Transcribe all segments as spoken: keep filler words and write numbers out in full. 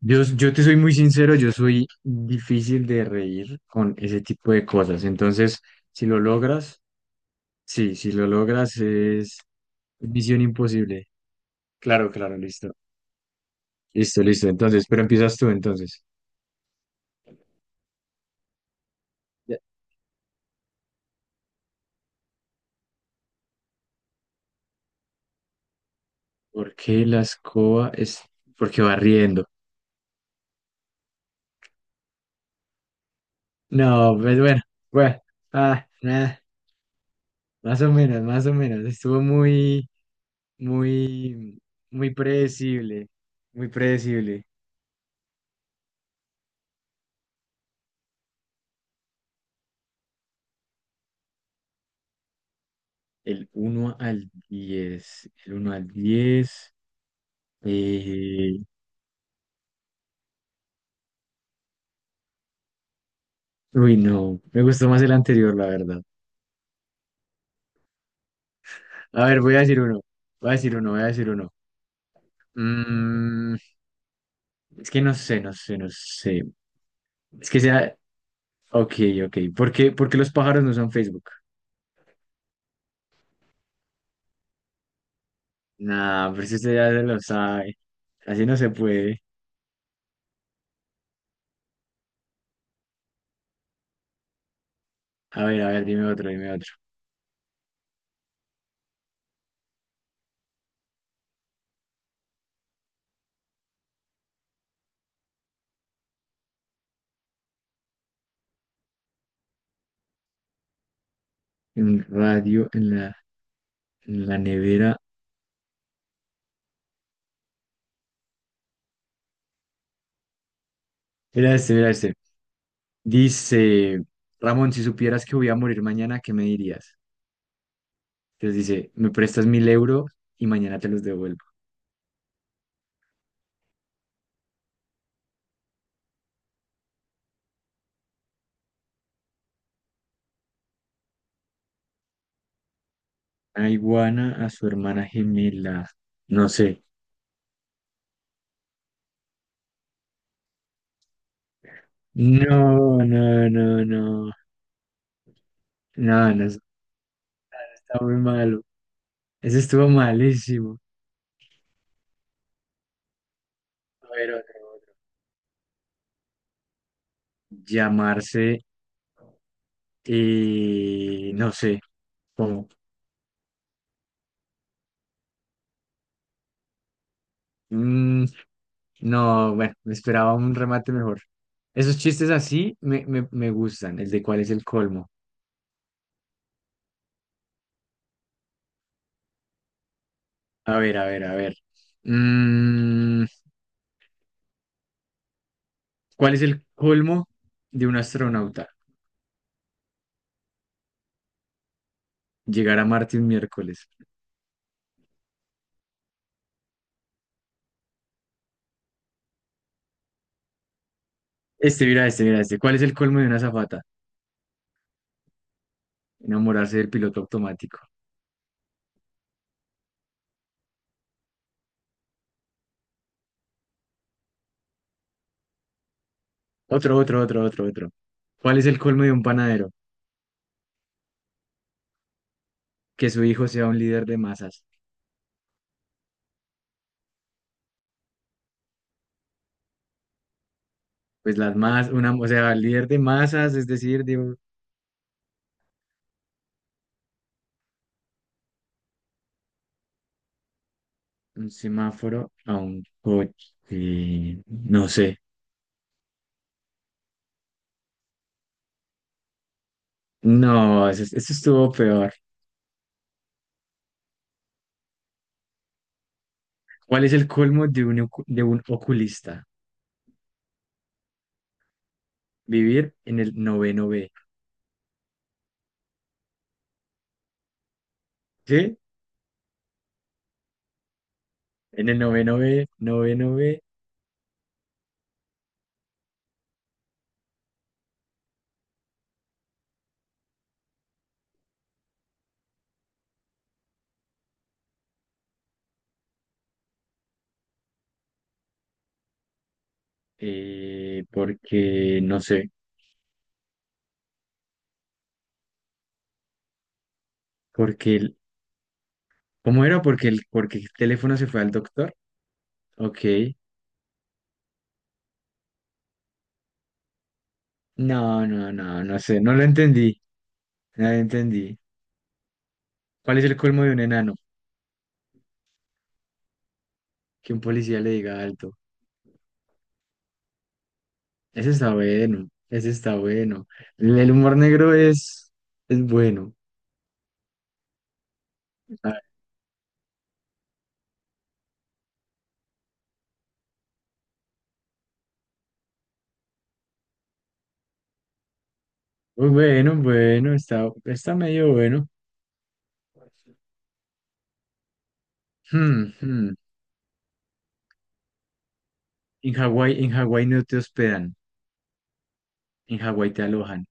Yo, yo te soy muy sincero, yo soy difícil de reír con ese tipo de cosas. Entonces, si lo logras, sí, si lo logras es misión imposible. Claro, claro, listo. Listo, listo. Entonces, pero empiezas tú entonces. Ya. ¿Por qué la escoba es porque va riendo? No, pues bueno, bueno, ah, ah, más o menos, más o menos. Estuvo muy, muy, muy predecible, muy predecible. El uno al diez El uno al diez eh, Uy, no. Me gustó más el anterior, la verdad. A ver, voy a decir uno. Voy a decir uno, voy a decir uno. Mm, es que no sé, no sé, no sé. Es que sea. Ok, ok. ¿Por qué, por qué los pájaros no usan Facebook? Nah, pero si usted ya se lo sabe. Así no se puede. A ver, a ver, dime otro, dime otro. Un radio en la, en la nevera. Mira este, mira este. Dice, Ramón, si supieras que voy a morir mañana, ¿qué me dirías? Entonces dice, me prestas mil euros y mañana te los devuelvo. A iguana a su hermana gemela. No sé. No, no, no, no. No, no, eso está muy malo. Eso estuvo malísimo. A ver, otro, otro. Llamarse, eh, no sé, cómo. Mm, no, bueno, me esperaba un remate mejor. Esos chistes así me, me, me gustan, el de cuál es el colmo. A ver, a ver, a ver. Mm, ¿cuál es el colmo de un astronauta? Llegar a Marte un miércoles. Este, mira, este, mira, este. ¿Cuál es el colmo de una azafata? Enamorarse del piloto automático. Otro, otro, otro, otro, otro. ¿Cuál es el colmo de un panadero? Que su hijo sea un líder de masas. Pues las masas, una, o sea, líder de masas, es decir, de un un semáforo a un coche. No sé. No, eso, eso estuvo peor. ¿Cuál es el colmo de un, ocu- de un oculista? Vivir en el noveno B. ¿Sí? En el noveno B, noveno B, eh, porque no sé, porque el, ¿cómo era? Porque el, porque el teléfono se fue al doctor. Ok. No, no, no, no sé, no lo entendí. No lo entendí. ¿Cuál es el colmo de un enano? Que un policía le diga alto. Ese está bueno, ese está bueno. El, el humor negro es, es bueno. Ah, bueno, bueno, está, está medio bueno. Hmm, hmm. En Hawái, en Hawái no te hospedan, en Hawái te alojan.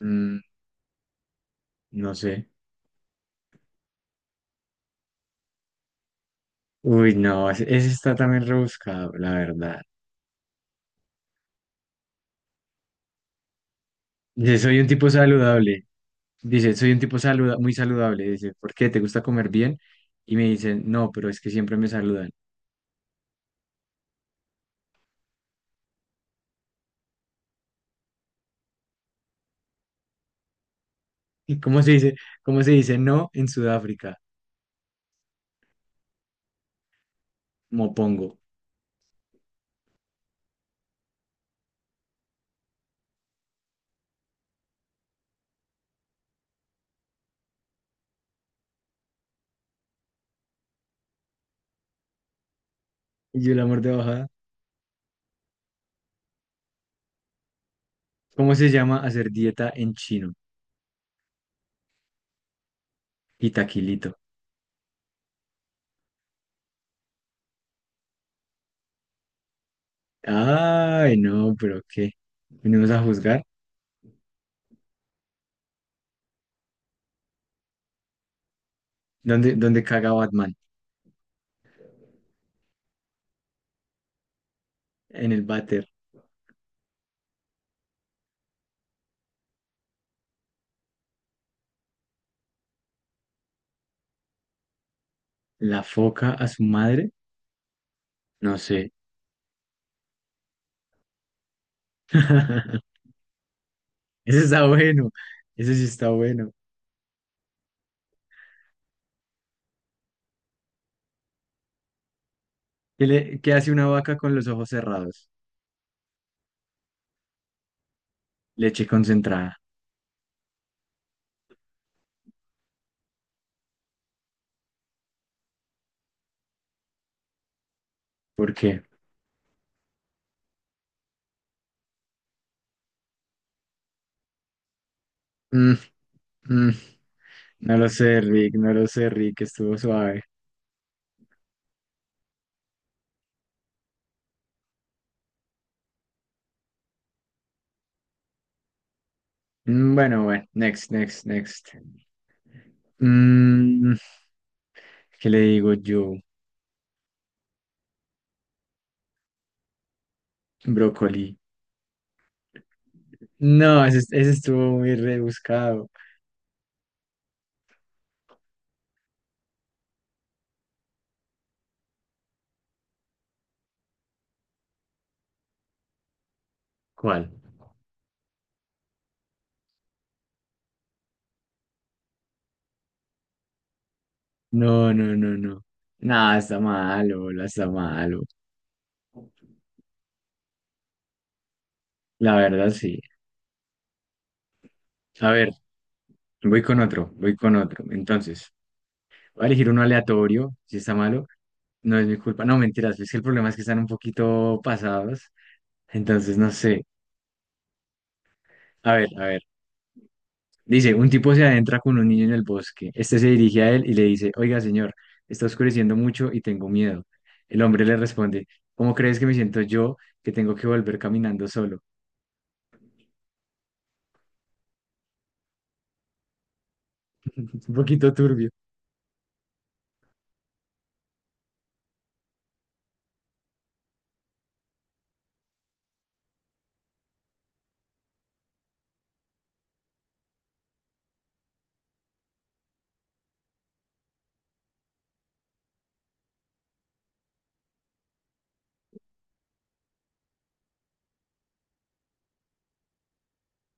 Mm, no sé. Uy, no, ese ese está también rebuscado, la verdad. Dice, soy un tipo saludable. Dice, soy un tipo saluda muy saludable. Dice, ¿por qué? ¿Te gusta comer bien? Y me dicen, no, pero es que siempre me saludan. ¿Y cómo se dice? ¿Cómo se dice no en Sudáfrica? Mopongo. Y yo el amor de bajada. ¿Cómo se llama hacer dieta en chino? Y taquilito. Ay, no, pero ¿qué? ¿Venimos a juzgar? ¿Dónde, dónde caga Batman? En el váter. La foca a su madre, no sé. Ese está bueno, ese sí está bueno. ¿Qué, le- qué hace una vaca con los ojos cerrados? Leche concentrada. ¿Por qué? Mm, mm. No lo sé, Rick, no lo sé, Rick, estuvo suave. Mm, bueno, bueno, next, next, next. Mm, ¿qué le digo yo? Brócoli. No, ese, ese estuvo muy rebuscado. ¿Cuál? No, no, no, no. Nada, está malo, bola, está malo. La verdad, sí. A ver, voy con otro, voy con otro. Entonces, voy a elegir uno aleatorio, si está malo. No es mi culpa. No, mentiras, es que el problema es que están un poquito pasados. Entonces, no sé. A ver, a ver. Dice, un tipo se adentra con un niño en el bosque. Este se dirige a él y le dice, oiga, señor, está oscureciendo mucho y tengo miedo. El hombre le responde, ¿cómo crees que me siento yo que tengo que volver caminando solo? Es un poquito turbio.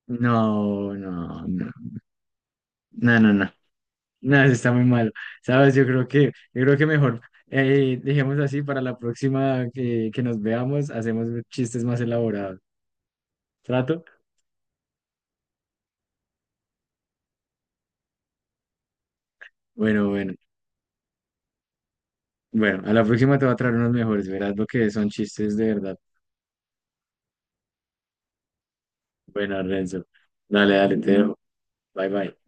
No, no, no, no, no, no, no, eso está muy malo, ¿sabes? Yo creo que, yo creo que mejor, eh, dejemos así para la próxima que, que nos veamos, hacemos chistes más elaborados, ¿trato? Bueno, bueno, bueno, a la próxima te voy a traer unos mejores, verás lo que son chistes de verdad. Bueno, Renzo, dale, dale, te dejo, bye, bye.